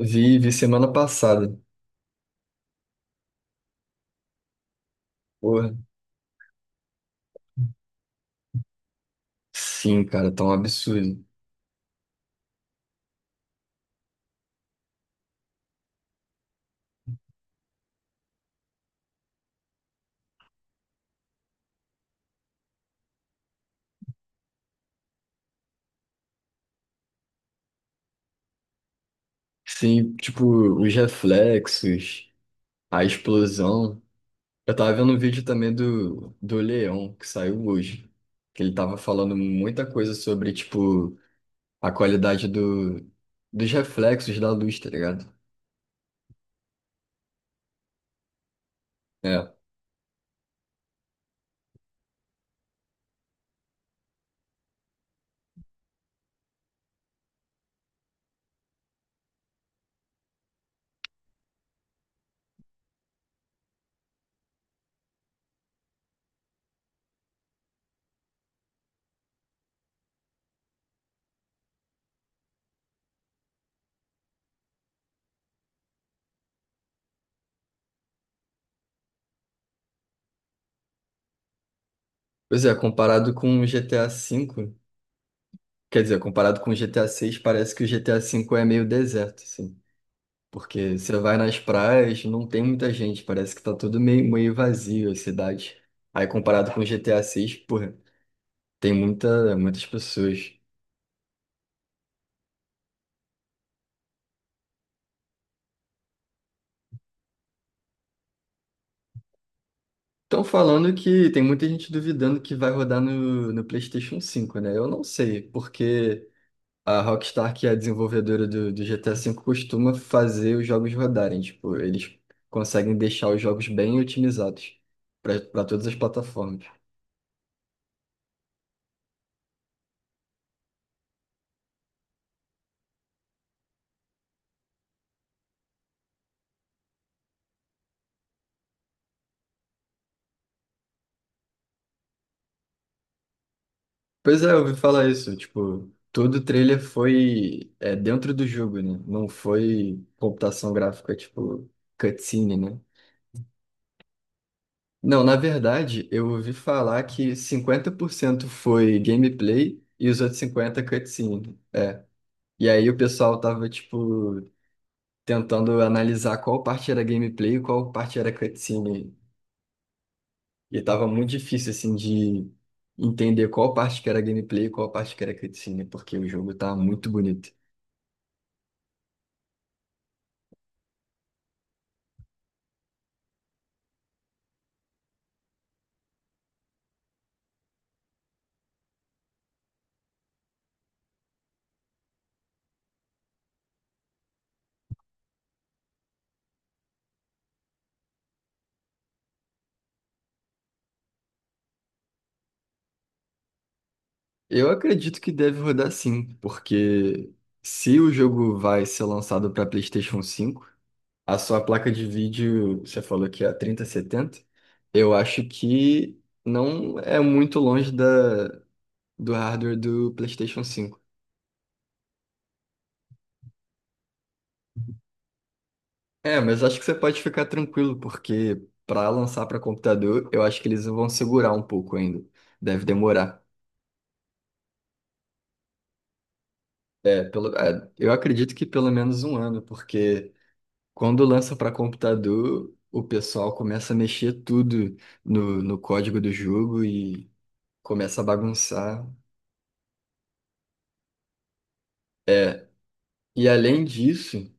Vi semana passada. Porra, sim, cara, tá um absurdo. Sim, tipo, os reflexos, a explosão. Eu tava vendo um vídeo também do Leão, que saiu hoje, que ele tava falando muita coisa sobre, tipo, a qualidade dos reflexos da luz, tá ligado? É. Pois é, comparado com o GTA V, quer dizer, comparado com o GTA seis, parece que o GTA V é meio deserto, assim. Porque você vai nas praias, não tem muita gente, parece que tá tudo meio vazio a cidade. Aí comparado com GTA VI, porra, tem muitas pessoas. Estão falando que tem muita gente duvidando que vai rodar no PlayStation 5, né? Eu não sei, porque a Rockstar, que é a desenvolvedora do GTA V, costuma fazer os jogos rodarem. Tipo, eles conseguem deixar os jogos bem otimizados para todas as plataformas. Pois é, eu ouvi falar isso. Tipo, todo o trailer foi, dentro do jogo, né? Não foi computação gráfica, tipo, cutscene, né? Não, na verdade, eu ouvi falar que 50% foi gameplay e os outros 50% cutscene. E aí o pessoal tava, tipo, tentando analisar qual parte era gameplay e qual parte era cutscene. E tava muito difícil, assim, de entender qual parte que era gameplay e qual parte que era cutscene, porque o jogo tá muito bonito. Eu acredito que deve rodar, sim, porque se o jogo vai ser lançado para PlayStation 5, a sua placa de vídeo, você falou que é a 3070, eu acho que não é muito longe do hardware do PlayStation 5. É, mas acho que você pode ficar tranquilo, porque para lançar para computador, eu acho que eles vão segurar um pouco ainda. Deve demorar. É, eu acredito que pelo menos um ano. Porque. Quando lança para computador, o pessoal começa a mexer tudo no código do jogo e começa a bagunçar. E além disso,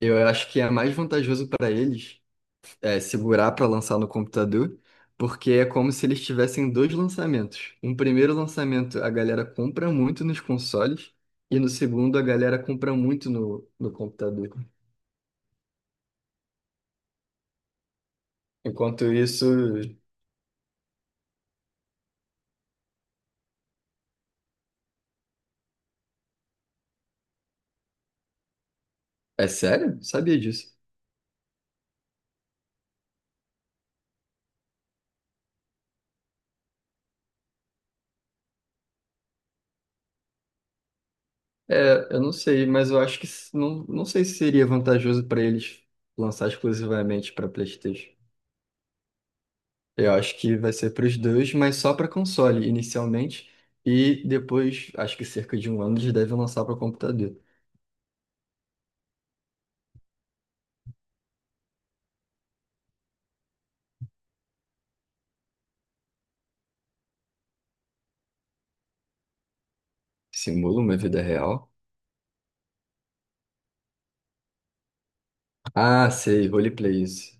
eu acho que é mais vantajoso para eles segurar para lançar no computador, porque é como se eles tivessem dois lançamentos. Um primeiro lançamento a galera compra muito nos consoles, e no segundo a galera compra muito no computador. Enquanto isso. É sério? Sabia disso. É, eu não sei, mas eu acho que não sei se seria vantajoso para eles lançar exclusivamente para PlayStation. Eu acho que vai ser para os dois, mas só para console inicialmente e depois, acho que cerca de um ano eles devem lançar para computador. Simula uma vida real? Ah, sei, roleplay, isso.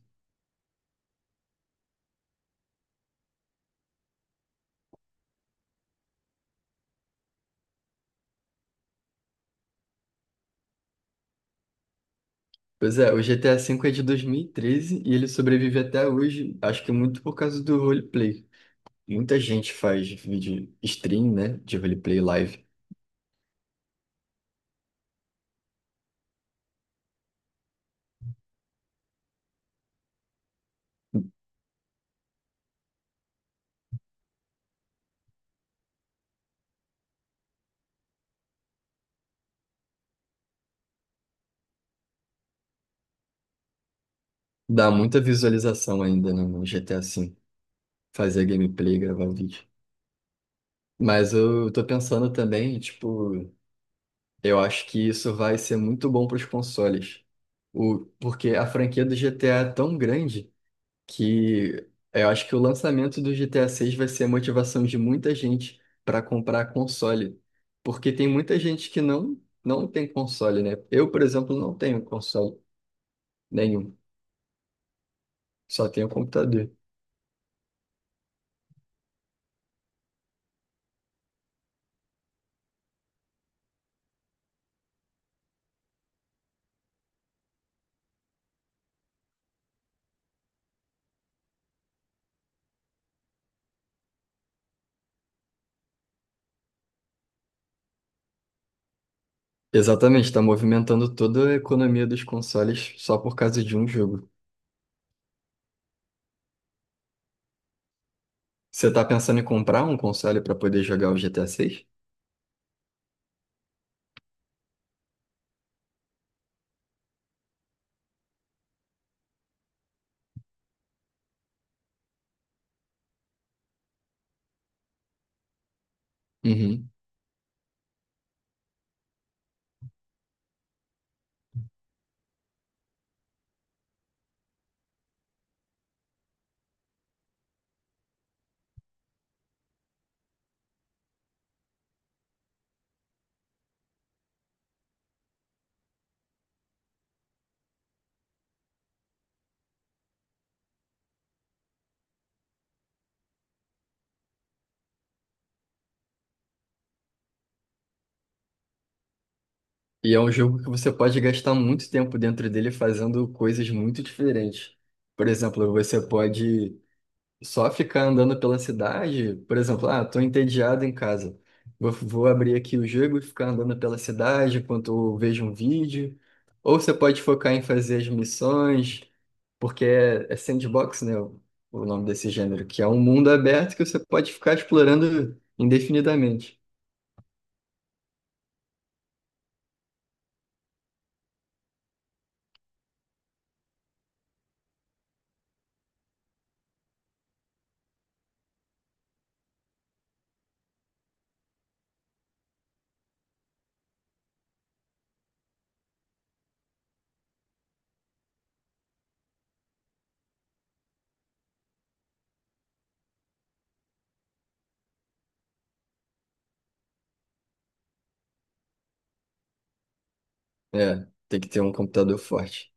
Pois é, o GTA V é de 2013 e ele sobrevive até hoje, acho que muito por causa do roleplay. Muita gente faz vídeo stream, né, de roleplay live. Dá muita visualização ainda, né, no GTA V, fazer gameplay, gravar vídeo. Mas eu tô pensando também, tipo, eu acho que isso vai ser muito bom para os consoles. Porque a franquia do GTA é tão grande que eu acho que o lançamento do GTA 6 vai ser a motivação de muita gente para comprar console. Porque tem muita gente que não tem console, né? Eu, por exemplo, não tenho console nenhum, só tenho computador. Exatamente, está movimentando toda a economia dos consoles só por causa de um jogo. Você está pensando em comprar um console para poder jogar o GTA 6? Uhum. E é um jogo que você pode gastar muito tempo dentro dele fazendo coisas muito diferentes. Por exemplo, você pode só ficar andando pela cidade, por exemplo, ah, tô entediado em casa. Vou abrir aqui o jogo e ficar andando pela cidade enquanto eu vejo um vídeo. Ou você pode focar em fazer as missões, porque é sandbox, né? O nome desse gênero, que é um mundo aberto que você pode ficar explorando indefinidamente. É, tem que ter um computador forte.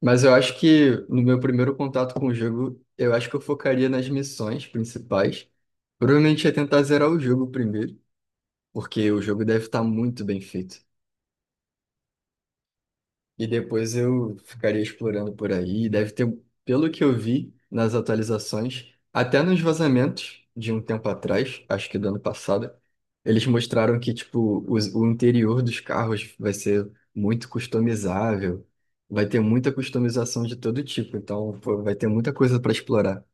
Mas eu acho que, no meu primeiro contato com o jogo, eu acho que eu focaria nas missões principais. Provavelmente ia tentar zerar o jogo primeiro, porque o jogo deve estar muito bem feito. E depois eu ficaria explorando por aí. E deve ter, pelo que eu vi nas atualizações, até nos vazamentos de um tempo atrás, acho que do ano passado, eles mostraram que tipo o interior dos carros vai ser muito customizável, vai ter muita customização de todo tipo. Então, pô, vai ter muita coisa para explorar.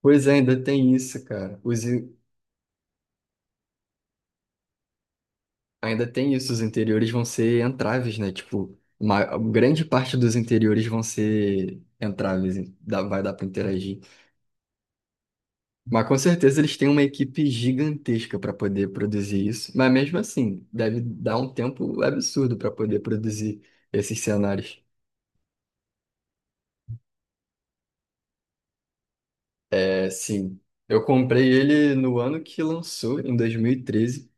Pois é, ainda tem isso, cara. Ainda tem isso, os interiores vão ser entraves, né? Tipo, uma grande parte dos interiores vão ser entraves, vai dar para interagir. Mas com certeza eles têm uma equipe gigantesca para poder produzir isso. Mas mesmo assim, deve dar um tempo absurdo para poder produzir esses cenários. É, sim. Eu comprei ele no ano que lançou, em 2013,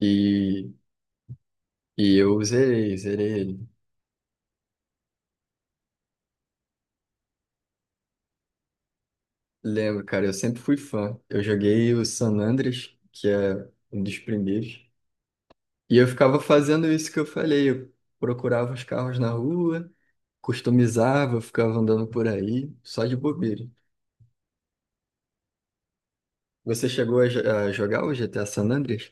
e, treze, e eu zerei ele. Lembro, cara, eu sempre fui fã. Eu joguei o San Andreas, que é um dos primeiros, e eu ficava fazendo isso que eu falei. Eu procurava os carros na rua, customizava, ficava andando por aí, só de bobeira. Você chegou a jogar o GTA San Andreas?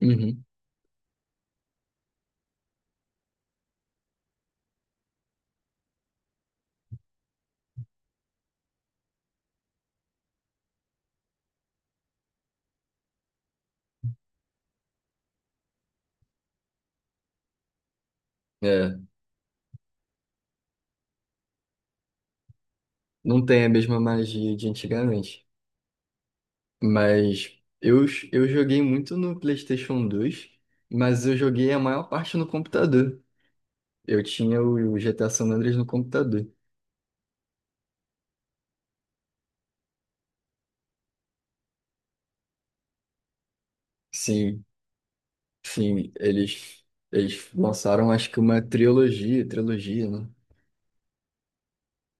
Uhum. É, não tem a mesma magia de antigamente, mas eu joguei muito no PlayStation 2, mas eu joguei a maior parte no computador. Eu tinha o GTA San Andreas no computador. Sim, sim, eles lançaram, acho que, uma trilogia, né?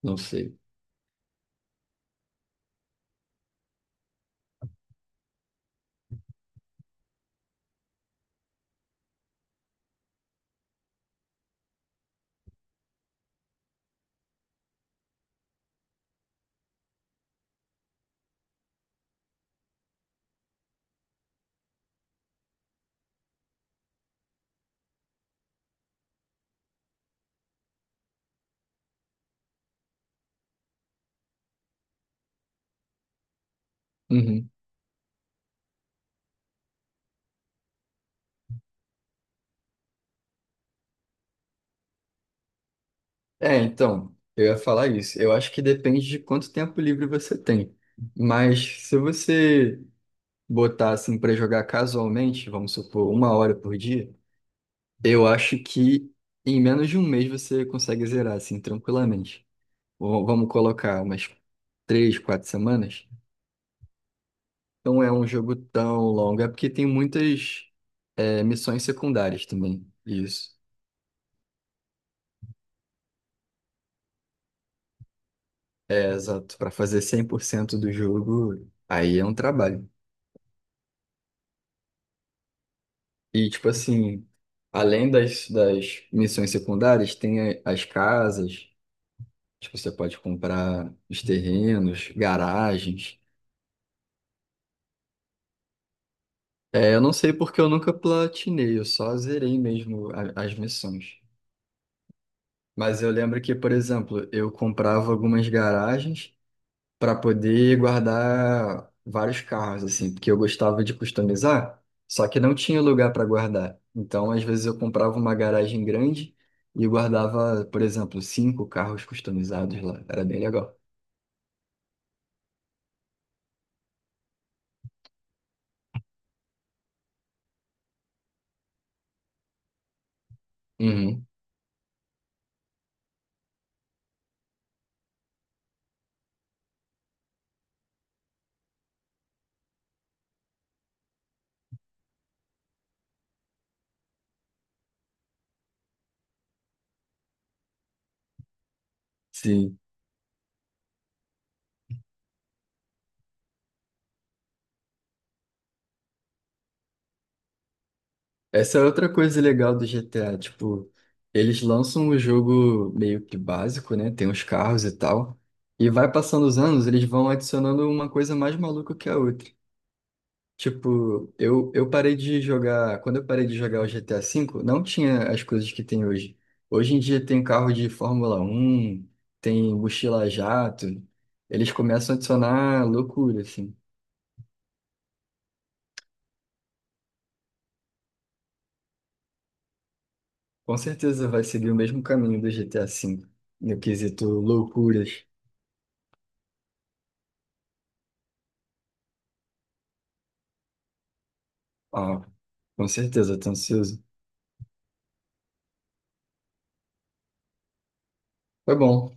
Não sei. Uhum. É, então, eu ia falar isso. Eu acho que depende de quanto tempo livre você tem. Mas se você botar assim para jogar casualmente, vamos supor, 1 hora por dia, eu acho que em menos de um mês você consegue zerar assim tranquilamente. Ou vamos colocar umas 3, 4 semanas. Não é um jogo tão longo, é porque tem muitas, missões secundárias também. Isso. É, exato. Pra fazer 100% do jogo, aí é um trabalho. E, tipo assim, além das missões secundárias, tem as casas, tipo, você pode comprar os terrenos, garagens. É, eu não sei porque eu nunca platinei, eu só zerei mesmo as missões. Mas eu lembro que, por exemplo, eu comprava algumas garagens para poder guardar vários carros, assim, porque eu gostava de customizar, só que não tinha lugar para guardar. Então, às vezes, eu comprava uma garagem grande e guardava, por exemplo, cinco carros customizados lá. Era bem legal. Uhum, sim. Essa é outra coisa legal do GTA, tipo, eles lançam o jogo meio que básico, né? Tem os carros e tal. E vai passando os anos, eles vão adicionando uma coisa mais maluca que a outra. Tipo, eu parei de jogar. Quando eu parei de jogar o GTA V, não tinha as coisas que tem hoje. Hoje em dia tem carro de Fórmula 1, tem mochila jato. Eles começam a adicionar loucura, assim. Com certeza vai seguir o mesmo caminho do GTA V, no quesito loucuras. Ah, com certeza, tô ansioso. Foi bom.